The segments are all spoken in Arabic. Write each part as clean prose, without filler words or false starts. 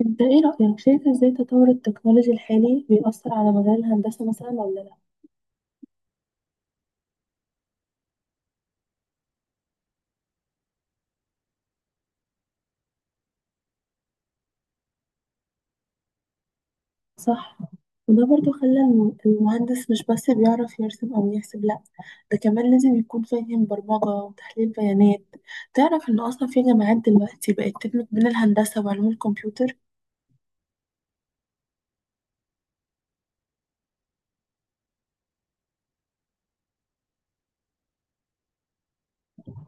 انت ايه رأيك شايف ازاي تطور التكنولوجيا الحالي بيأثر على مجال الهندسة مثلا ولا لا؟ صح، وده برضو خلى المهندس مش بس بيعرف يرسم او يحسب لا، ده كمان لازم يكون فاهم برمجة وتحليل بيانات. تعرف ان اصلا في جامعات دلوقتي بقت تدمج بين الهندسة وعلوم الكمبيوتر.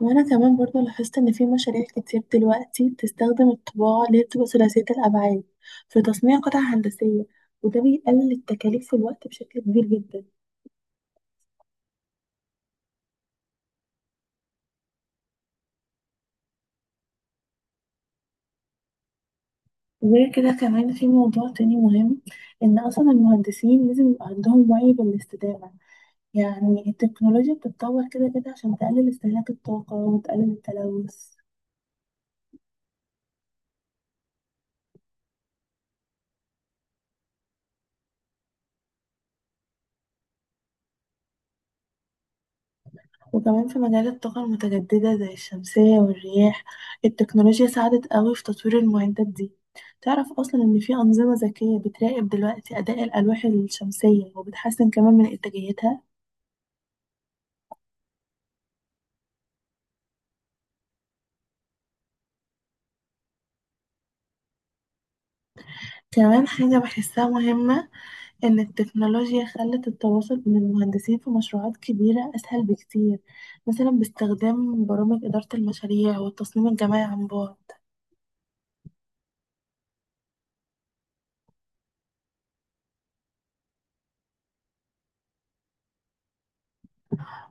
وانا كمان برضو لاحظت ان في مشاريع كتير دلوقتي بتستخدم الطباعة اللي هي بتبقى ثلاثية الابعاد في تصنيع قطع هندسية، وده بيقلل التكاليف في الوقت بشكل كبير جدا. غير كده كمان في موضوع تاني مهم، إن أصلا المهندسين لازم يبقى عندهم وعي بالاستدامة. يعني التكنولوجيا بتتطور كده كده عشان تقلل استهلاك الطاقة وتقلل التلوث. وكمان في مجال الطاقة المتجددة زي الشمسية والرياح، التكنولوجيا ساعدت قوي في تطوير المعدات دي. تعرف أصلا إن في أنظمة ذكية بتراقب دلوقتي أداء الألواح الشمسية وبتحسن كمان من إنتاجيتها. كمان حاجة بحسها مهمة، إن التكنولوجيا خلت التواصل بين المهندسين في مشروعات كبيرة أسهل بكتير، مثلا باستخدام برامج إدارة المشاريع والتصميم الجماعي عن بعد.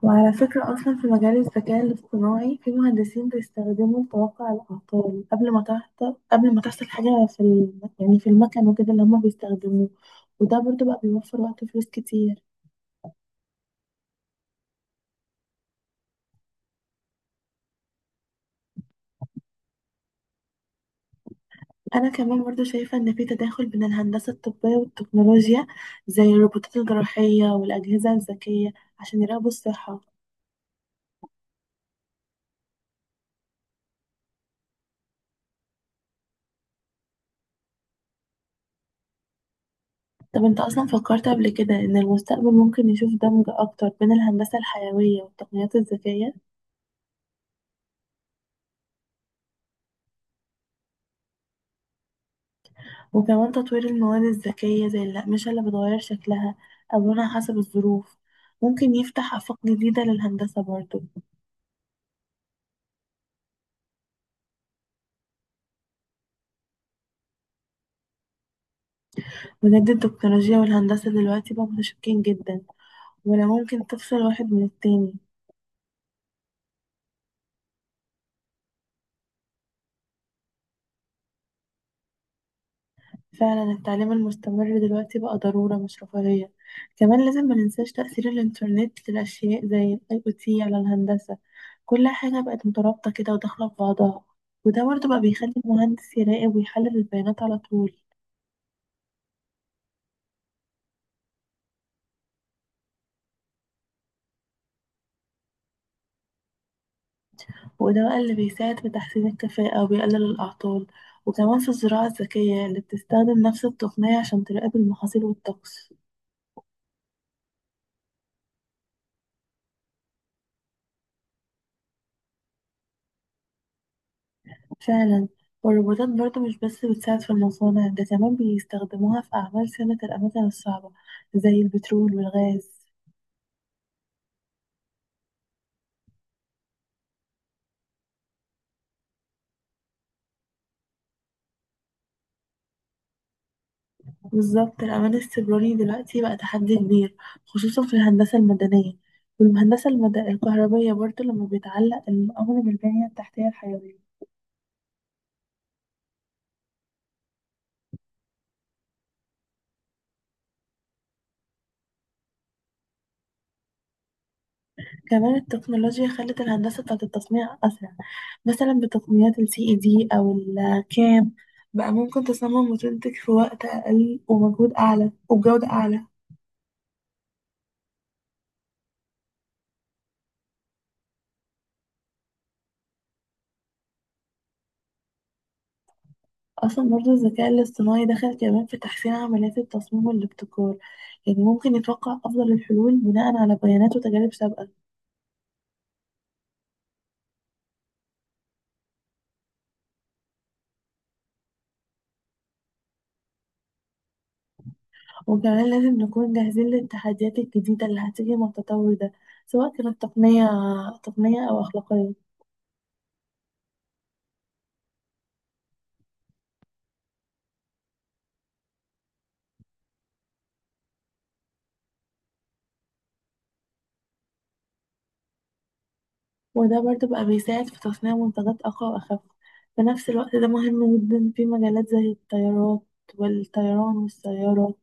وعلى فكرة أصلا في مجال الذكاء الاصطناعي في مهندسين بيستخدموا توقع الأعطال قبل ما تحصل حاجة في يعني في المكن وكده اللي هما بيستخدموه، وده برضو بقى بيوفر وقت وفلوس كتير. أنا كمان برضو شايفة إن في تداخل بين الهندسة الطبية والتكنولوجيا، زي الروبوتات الجراحية والأجهزة الذكية عشان يراقبوا الصحة. طب أنت أصلا فكرت قبل كده إن المستقبل ممكن يشوف دمج أكتر بين الهندسة الحيوية والتقنيات الذكية؟ وكمان تطوير المواد الذكية زي الأقمشة اللي بتغير شكلها أو لونها حسب الظروف، ممكن يفتح آفاق جديدة للهندسة برضو. بجد التكنولوجيا والهندسة دلوقتي بقوا متشابكين جدا، ولا ممكن تفصل واحد من التاني. فعلا التعليم المستمر دلوقتي بقى ضرورة مش رفاهية. كمان لازم ما ننساش تأثير الإنترنت للأشياء زي ال IoT على الهندسة. كل حاجة بقت مترابطة كده وداخلة في بعضها، وده برضه بقى بيخلي المهندس يراقب ويحلل البيانات على طول. وده بقى اللي بيساعد في تحسين الكفاءة وبيقلل الأعطال، وكمان في الزراعة الذكية اللي بتستخدم نفس التقنية عشان تراقب المحاصيل والطقس. فعلا. والروبوتات برضو مش بس بتساعد في المصانع، ده كمان بيستخدموها في أعمال صيانة الأماكن الصعبة زي البترول والغاز. بالظبط الأمان السيبراني دلوقتي بقى تحدي كبير، خصوصا في الهندسة المدنية الكهربية برضو لما بيتعلق الأمر بالبنية التحتية الحيوية. كمان التكنولوجيا خلت الهندسة بتاعت التصنيع أسرع، مثلا بتقنيات ال CAD أو ال CAM بقى ممكن تصمم وتنتج في وقت أقل ومجهود أعلى وبجودة أعلى. أصلا برضو الذكاء الاصطناعي دخل كمان في تحسين عمليات التصميم والابتكار، يعني ممكن يتوقع أفضل الحلول بناء على بيانات وتجارب سابقة. وكمان لازم نكون جاهزين للتحديات الجديدة اللي هتيجي مع التطور ده، سواء كانت تقنية أو أخلاقية. وده برضو بقى بيساعد في تصنيع منتجات أقوى وأخف في نفس الوقت، ده مهم جدا في مجالات زي الطيارات والطيران والسيارة.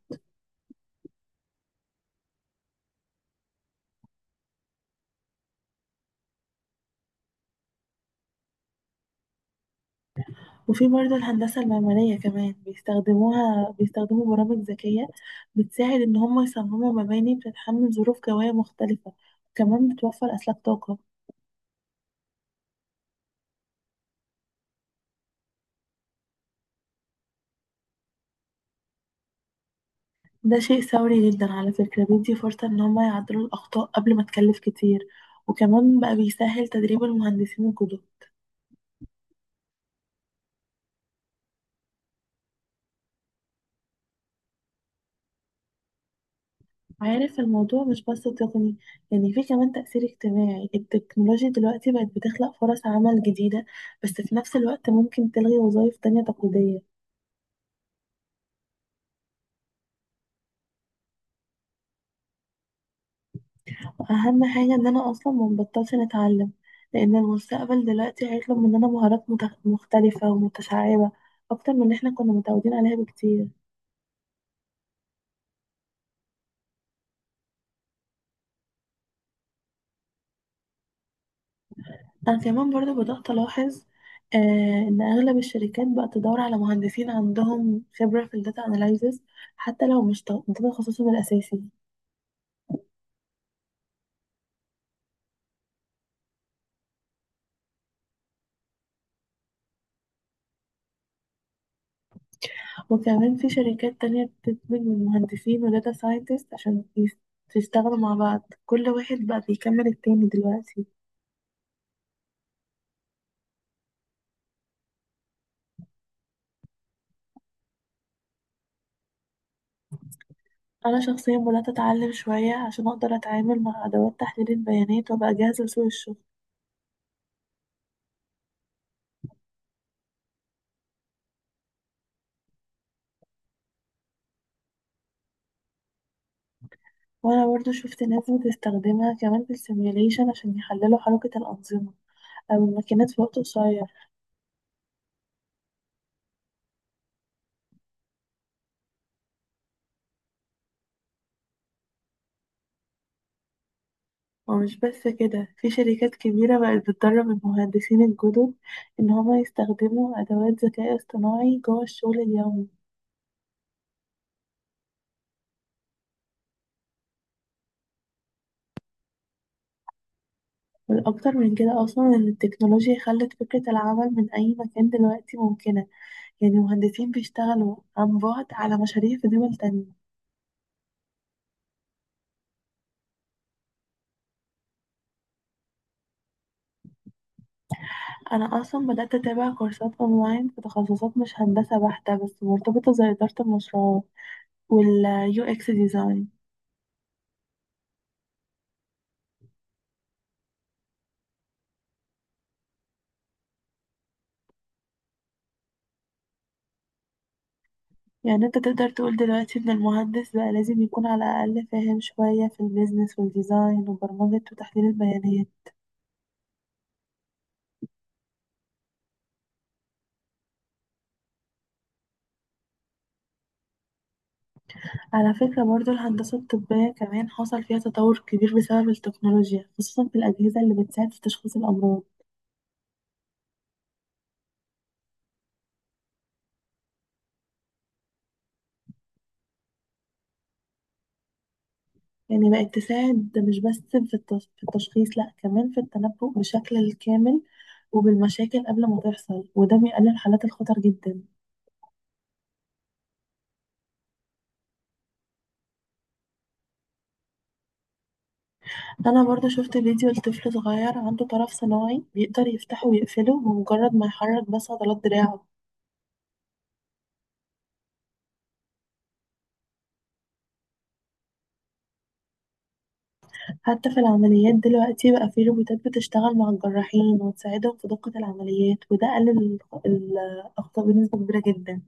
وفي برضه الهندسة المعمارية كمان بيستخدموا برامج ذكية بتساعد إن هم يصمموا مباني بتتحمل ظروف جوية مختلفة، كمان بتوفر أسلاك طاقة. ده شيء ثوري جدا على فكرة، بيدي فرصة إن هم يعدلوا الأخطاء قبل ما تكلف كتير، وكمان بقى بيسهل تدريب المهندسين الجدد. عارف الموضوع مش بس تقني، يعني في كمان تأثير اجتماعي. التكنولوجيا دلوقتي بقت بتخلق فرص عمل جديدة، بس في نفس الوقت ممكن تلغي وظائف تانية تقليدية. اهم حاجه ان انا اصلا ما بطلش نتعلم، لان المستقبل دلوقتي هيطلب مننا مهارات مختلفه ومتشعبه اكتر من اللي احنا كنا متعودين عليها بكتير. انا كمان برضو بدات الاحظ، آه، ان اغلب الشركات بقت تدور على مهندسين عندهم خبره في الداتا اناليزز، حتى لو مش ده تخصصهم الاساسي. وكمان في شركات تانية بتدمج من مهندسين وداتا ساينتست عشان يشتغلوا مع بعض، كل واحد بقى بيكمل التاني دلوقتي. انا شخصيا بدات اتعلم شويه عشان اقدر اتعامل مع ادوات تحليل البيانات وابقى جاهزه لسوق الشغل. وانا برضو شفت ناس بتستخدمها كمان في السيميوليشن عشان يحللوا حركه الانظمه او الماكينات في وقت قصير. ومش بس كده في شركات كبيره بقت بتدرب المهندسين الجدد ان هما يستخدموا ادوات ذكاء اصطناعي جوه الشغل اليومي. والأكتر من كده أصلا إن التكنولوجيا خلت فكرة العمل من أي مكان دلوقتي ممكنة، يعني مهندسين بيشتغلوا عن بعد على مشاريع في دول تانية. انا اصلا بدات اتابع كورسات اونلاين في تخصصات مش هندسه بحته بس مرتبطه زي اداره المشروعات واليو اكس ديزاين. يعني انت تقدر تقول دلوقتي ان المهندس بقى لازم يكون على الاقل فاهم شويه في البيزنس والديزاين وبرمجه وتحليل البيانات. على فكره برضو الهندسه الطبيه كمان حصل فيها تطور كبير بسبب التكنولوجيا، خصوصا في الاجهزه اللي بتساعد في تشخيص الامراض. يعني بقت تساعد مش بس في في التشخيص لا، كمان في التنبؤ بشكل الكامل وبالمشاكل قبل ما تحصل، وده بيقلل حالات الخطر جدا. انا برضو شفت فيديو لطفل صغير عنده طرف صناعي بيقدر يفتحه ويقفله بمجرد ما يحرك بس عضلات دراعه. حتى في العمليات دلوقتي بقى في روبوتات بتشتغل مع الجراحين وتساعدهم في دقة العمليات، وده قلل ال- الأخطاء بنسبة كبيرة جدا.